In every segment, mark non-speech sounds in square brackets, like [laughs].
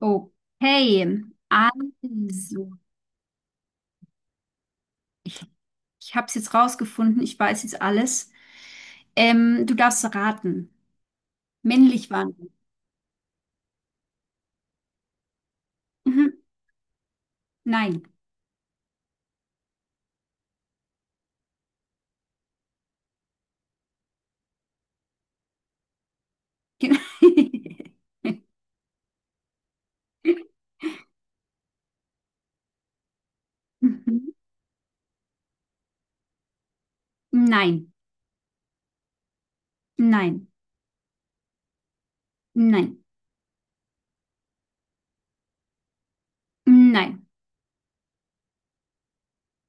Okay, also, ich, ich habe es jetzt rausgefunden, ich weiß jetzt alles. Du darfst raten. Männlich waren wir. Mhm. Nein. [laughs] Mhm. Nein, nein, nein, nein,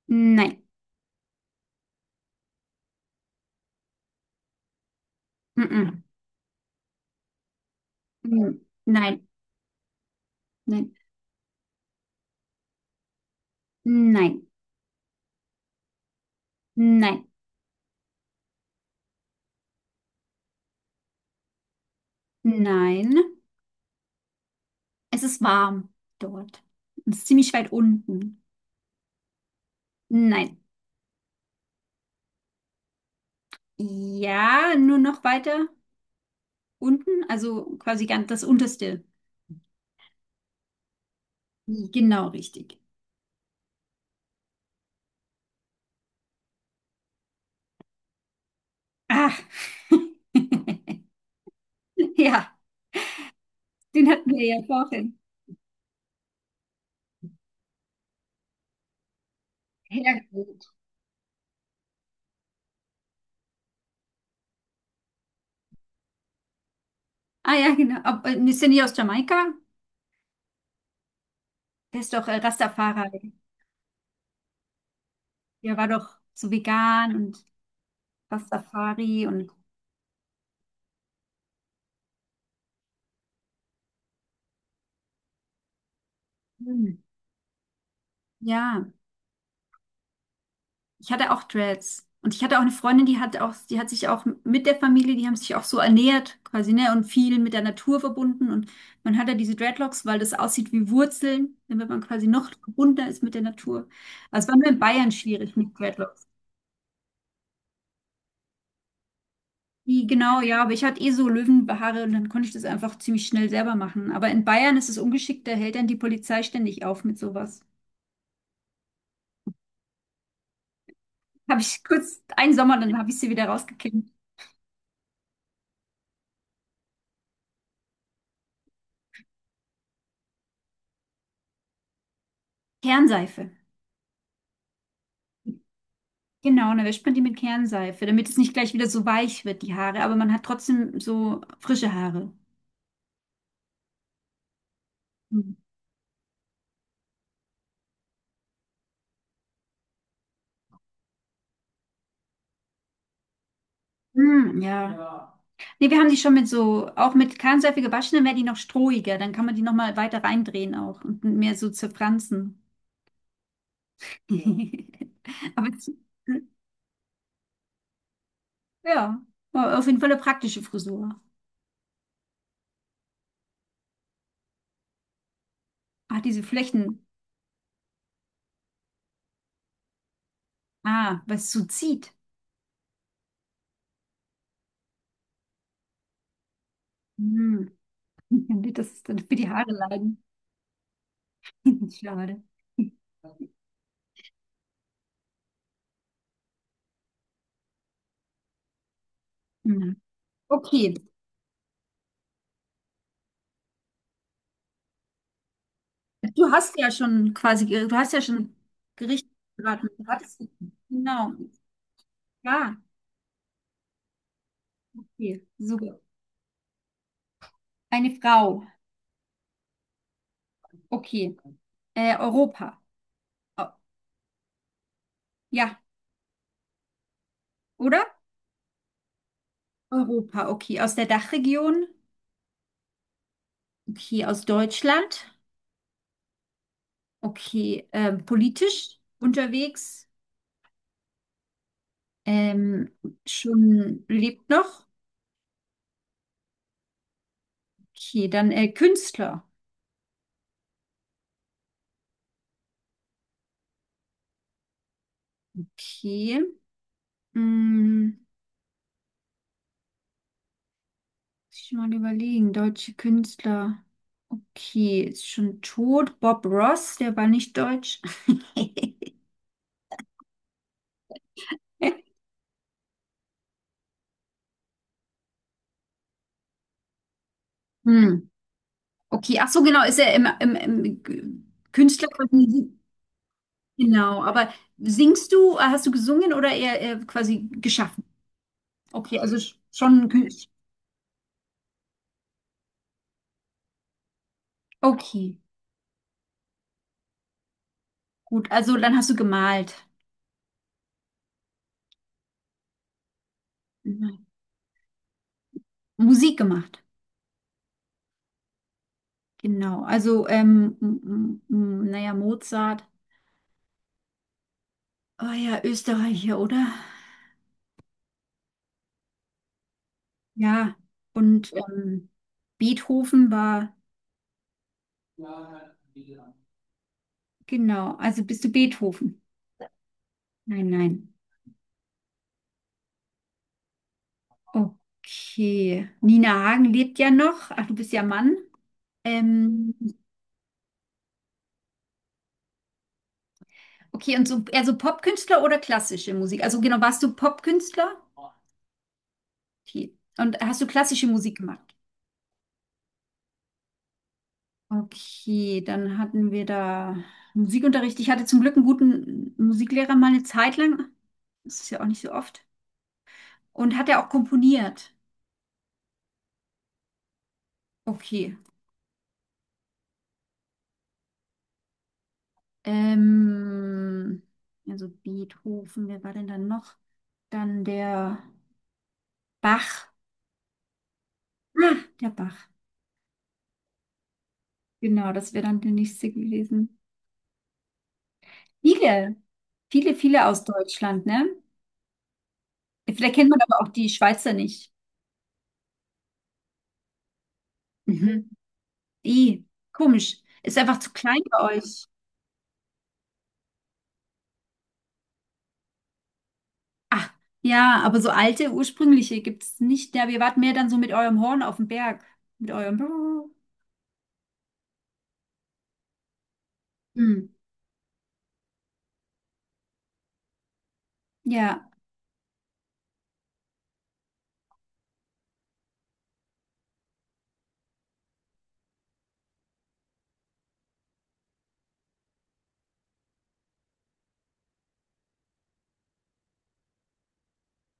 nein, mhm. Mhm, nein, nein, nein, nein, nein. Es ist warm dort. Es ist ziemlich weit unten. Nein. Ja, nur noch weiter. Unten, also quasi ganz das unterste. Genau richtig. Ah, [laughs] ja, den hatten wir ja vorhin. Herrgott. Ah ja, genau. Ob, ist der nicht aus Jamaika? Der ist doch Rastafari. Der war doch so vegan und Rastafari und hm, ja. Ich hatte auch Dreads. Und ich hatte auch eine Freundin, die hat auch, die hat sich auch mit der Familie, die haben sich auch so ernährt, quasi, ne, und viel mit der Natur verbunden. Und man hat ja diese Dreadlocks, weil das aussieht wie Wurzeln, damit man quasi noch verbundener ist mit der Natur. Also es war nur in Bayern schwierig mit Dreadlocks. Die, genau, ja, aber ich hatte eh so Löwenhaare und dann konnte ich das einfach ziemlich schnell selber machen. Aber in Bayern ist es ungeschickt, da hält dann die Polizei ständig auf mit sowas. Habe ich kurz einen Sommer, dann habe ich sie wieder rausgekämmt. Kernseife. Genau, und dann wäscht man die mit Kernseife, damit es nicht gleich wieder so weich wird, die Haare, aber man hat trotzdem so frische Haare. Mhm. Mm, ja. Ja. Nee, wir haben die schon mit so, auch mit Kernseife gewaschen, dann werden die noch strohiger, dann kann man die nochmal weiter reindrehen auch und mehr so zerfransen. Ja. [laughs] Aber es- ja, war auf jeden Fall eine praktische Frisur. Ah, diese Flächen, ah, was so zieht. Mm. [laughs] Das ist dann für die Haare leiden. [laughs] Schade. Mhm. Okay, du hast ja schon quasi, du hast ja schon Gericht geraten. Du hattest, genau, ja, okay, super. Eine Frau, okay. Europa, oh, ja, oder? Europa, okay. Aus der Dachregion, okay. Aus Deutschland, okay. Politisch unterwegs, ähm, schon lebt noch, okay. Dann Künstler, okay. Mm. Muss ich mal überlegen. Deutsche Künstler. Okay, ist schon tot. Bob Ross, der war nicht deutsch. [laughs] Hm. Okay, ach so, genau, ist er Künstler quasi Musik. Genau, aber singst du, hast du gesungen oder eher quasi geschaffen? Okay, also schon ein Künstler. Okay, gut, also dann hast du gemalt. Mhm. Musik gemacht. Genau, also, naja, Mozart. Oh ja, Österreicher, oder? Ja, und ja, Beethoven war, genau, also bist du Beethoven? Nein, nein. Okay. Nina Hagen lebt ja noch. Ach, du bist ja Mann. Ähm, okay, und so, eher so Popkünstler oder klassische Musik? Also genau, warst du Popkünstler? Okay. Und hast du klassische Musik gemacht? Okay, dann hatten wir da Musikunterricht. Ich hatte zum Glück einen guten Musiklehrer mal eine Zeit lang. Das ist ja auch nicht so oft. Und hat er auch komponiert? Okay. Ähm, also Beethoven, wer war denn dann noch? Dann der Bach. Ah, der Bach. Genau, das wäre dann der nächste gewesen. Viele, viele, viele aus Deutschland, ne? Vielleicht kennt man aber auch die Schweizer nicht. Mhm. I, komisch. Ist einfach zu klein bei euch. Ah, ja, aber so alte, ursprüngliche gibt es nicht. Ja, wir warten mehr dann so mit eurem Horn auf dem Berg. Mit eurem. Hm. Ja.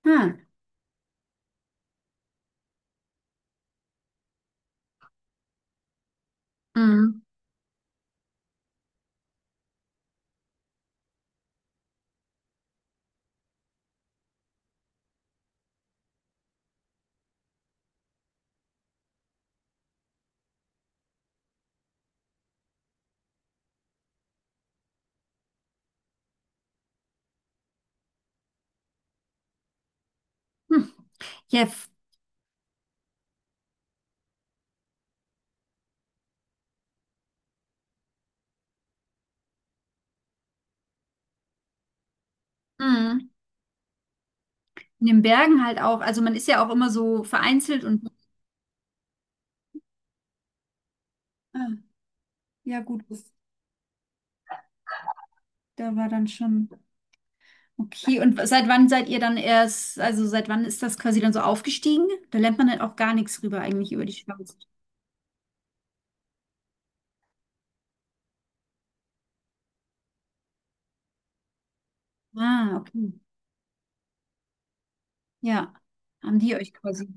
Hm. Hm. Hm. Jeff. In den Bergen halt auch. Also man ist ja auch immer so vereinzelt und ah, ja gut, das, da war dann schon okay. Und seit wann seid ihr dann erst, also seit wann ist das quasi dann so aufgestiegen? Da lernt man halt auch gar nichts rüber eigentlich über die Schweiz. Ah, okay. Ja, haben die euch quasi.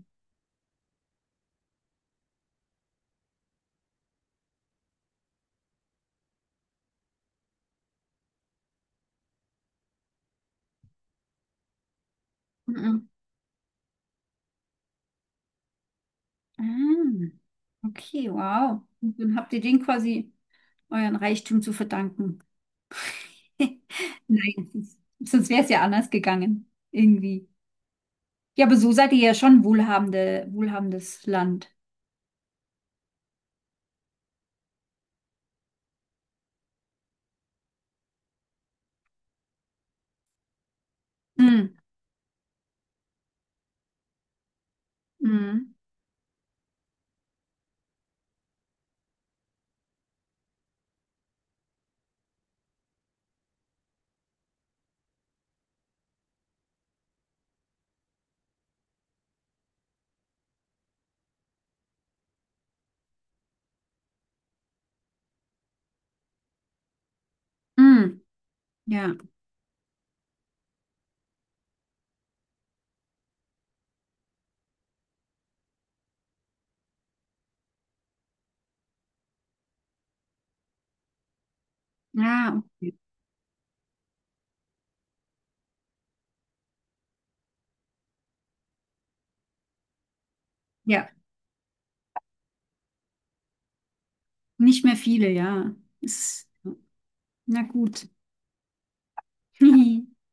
Mhm. Ah, okay, wow. Und dann habt ihr den quasi euren Reichtum zu verdanken. [laughs] Nein, sonst wäre es ja anders gegangen. Irgendwie. Ja, aber so seid ihr ja schon wohlhabendes Land. Mm, mm, mm, ja, ja, okay. Ja, nicht mehr viele, ja. Ist, ja, na gut. [laughs]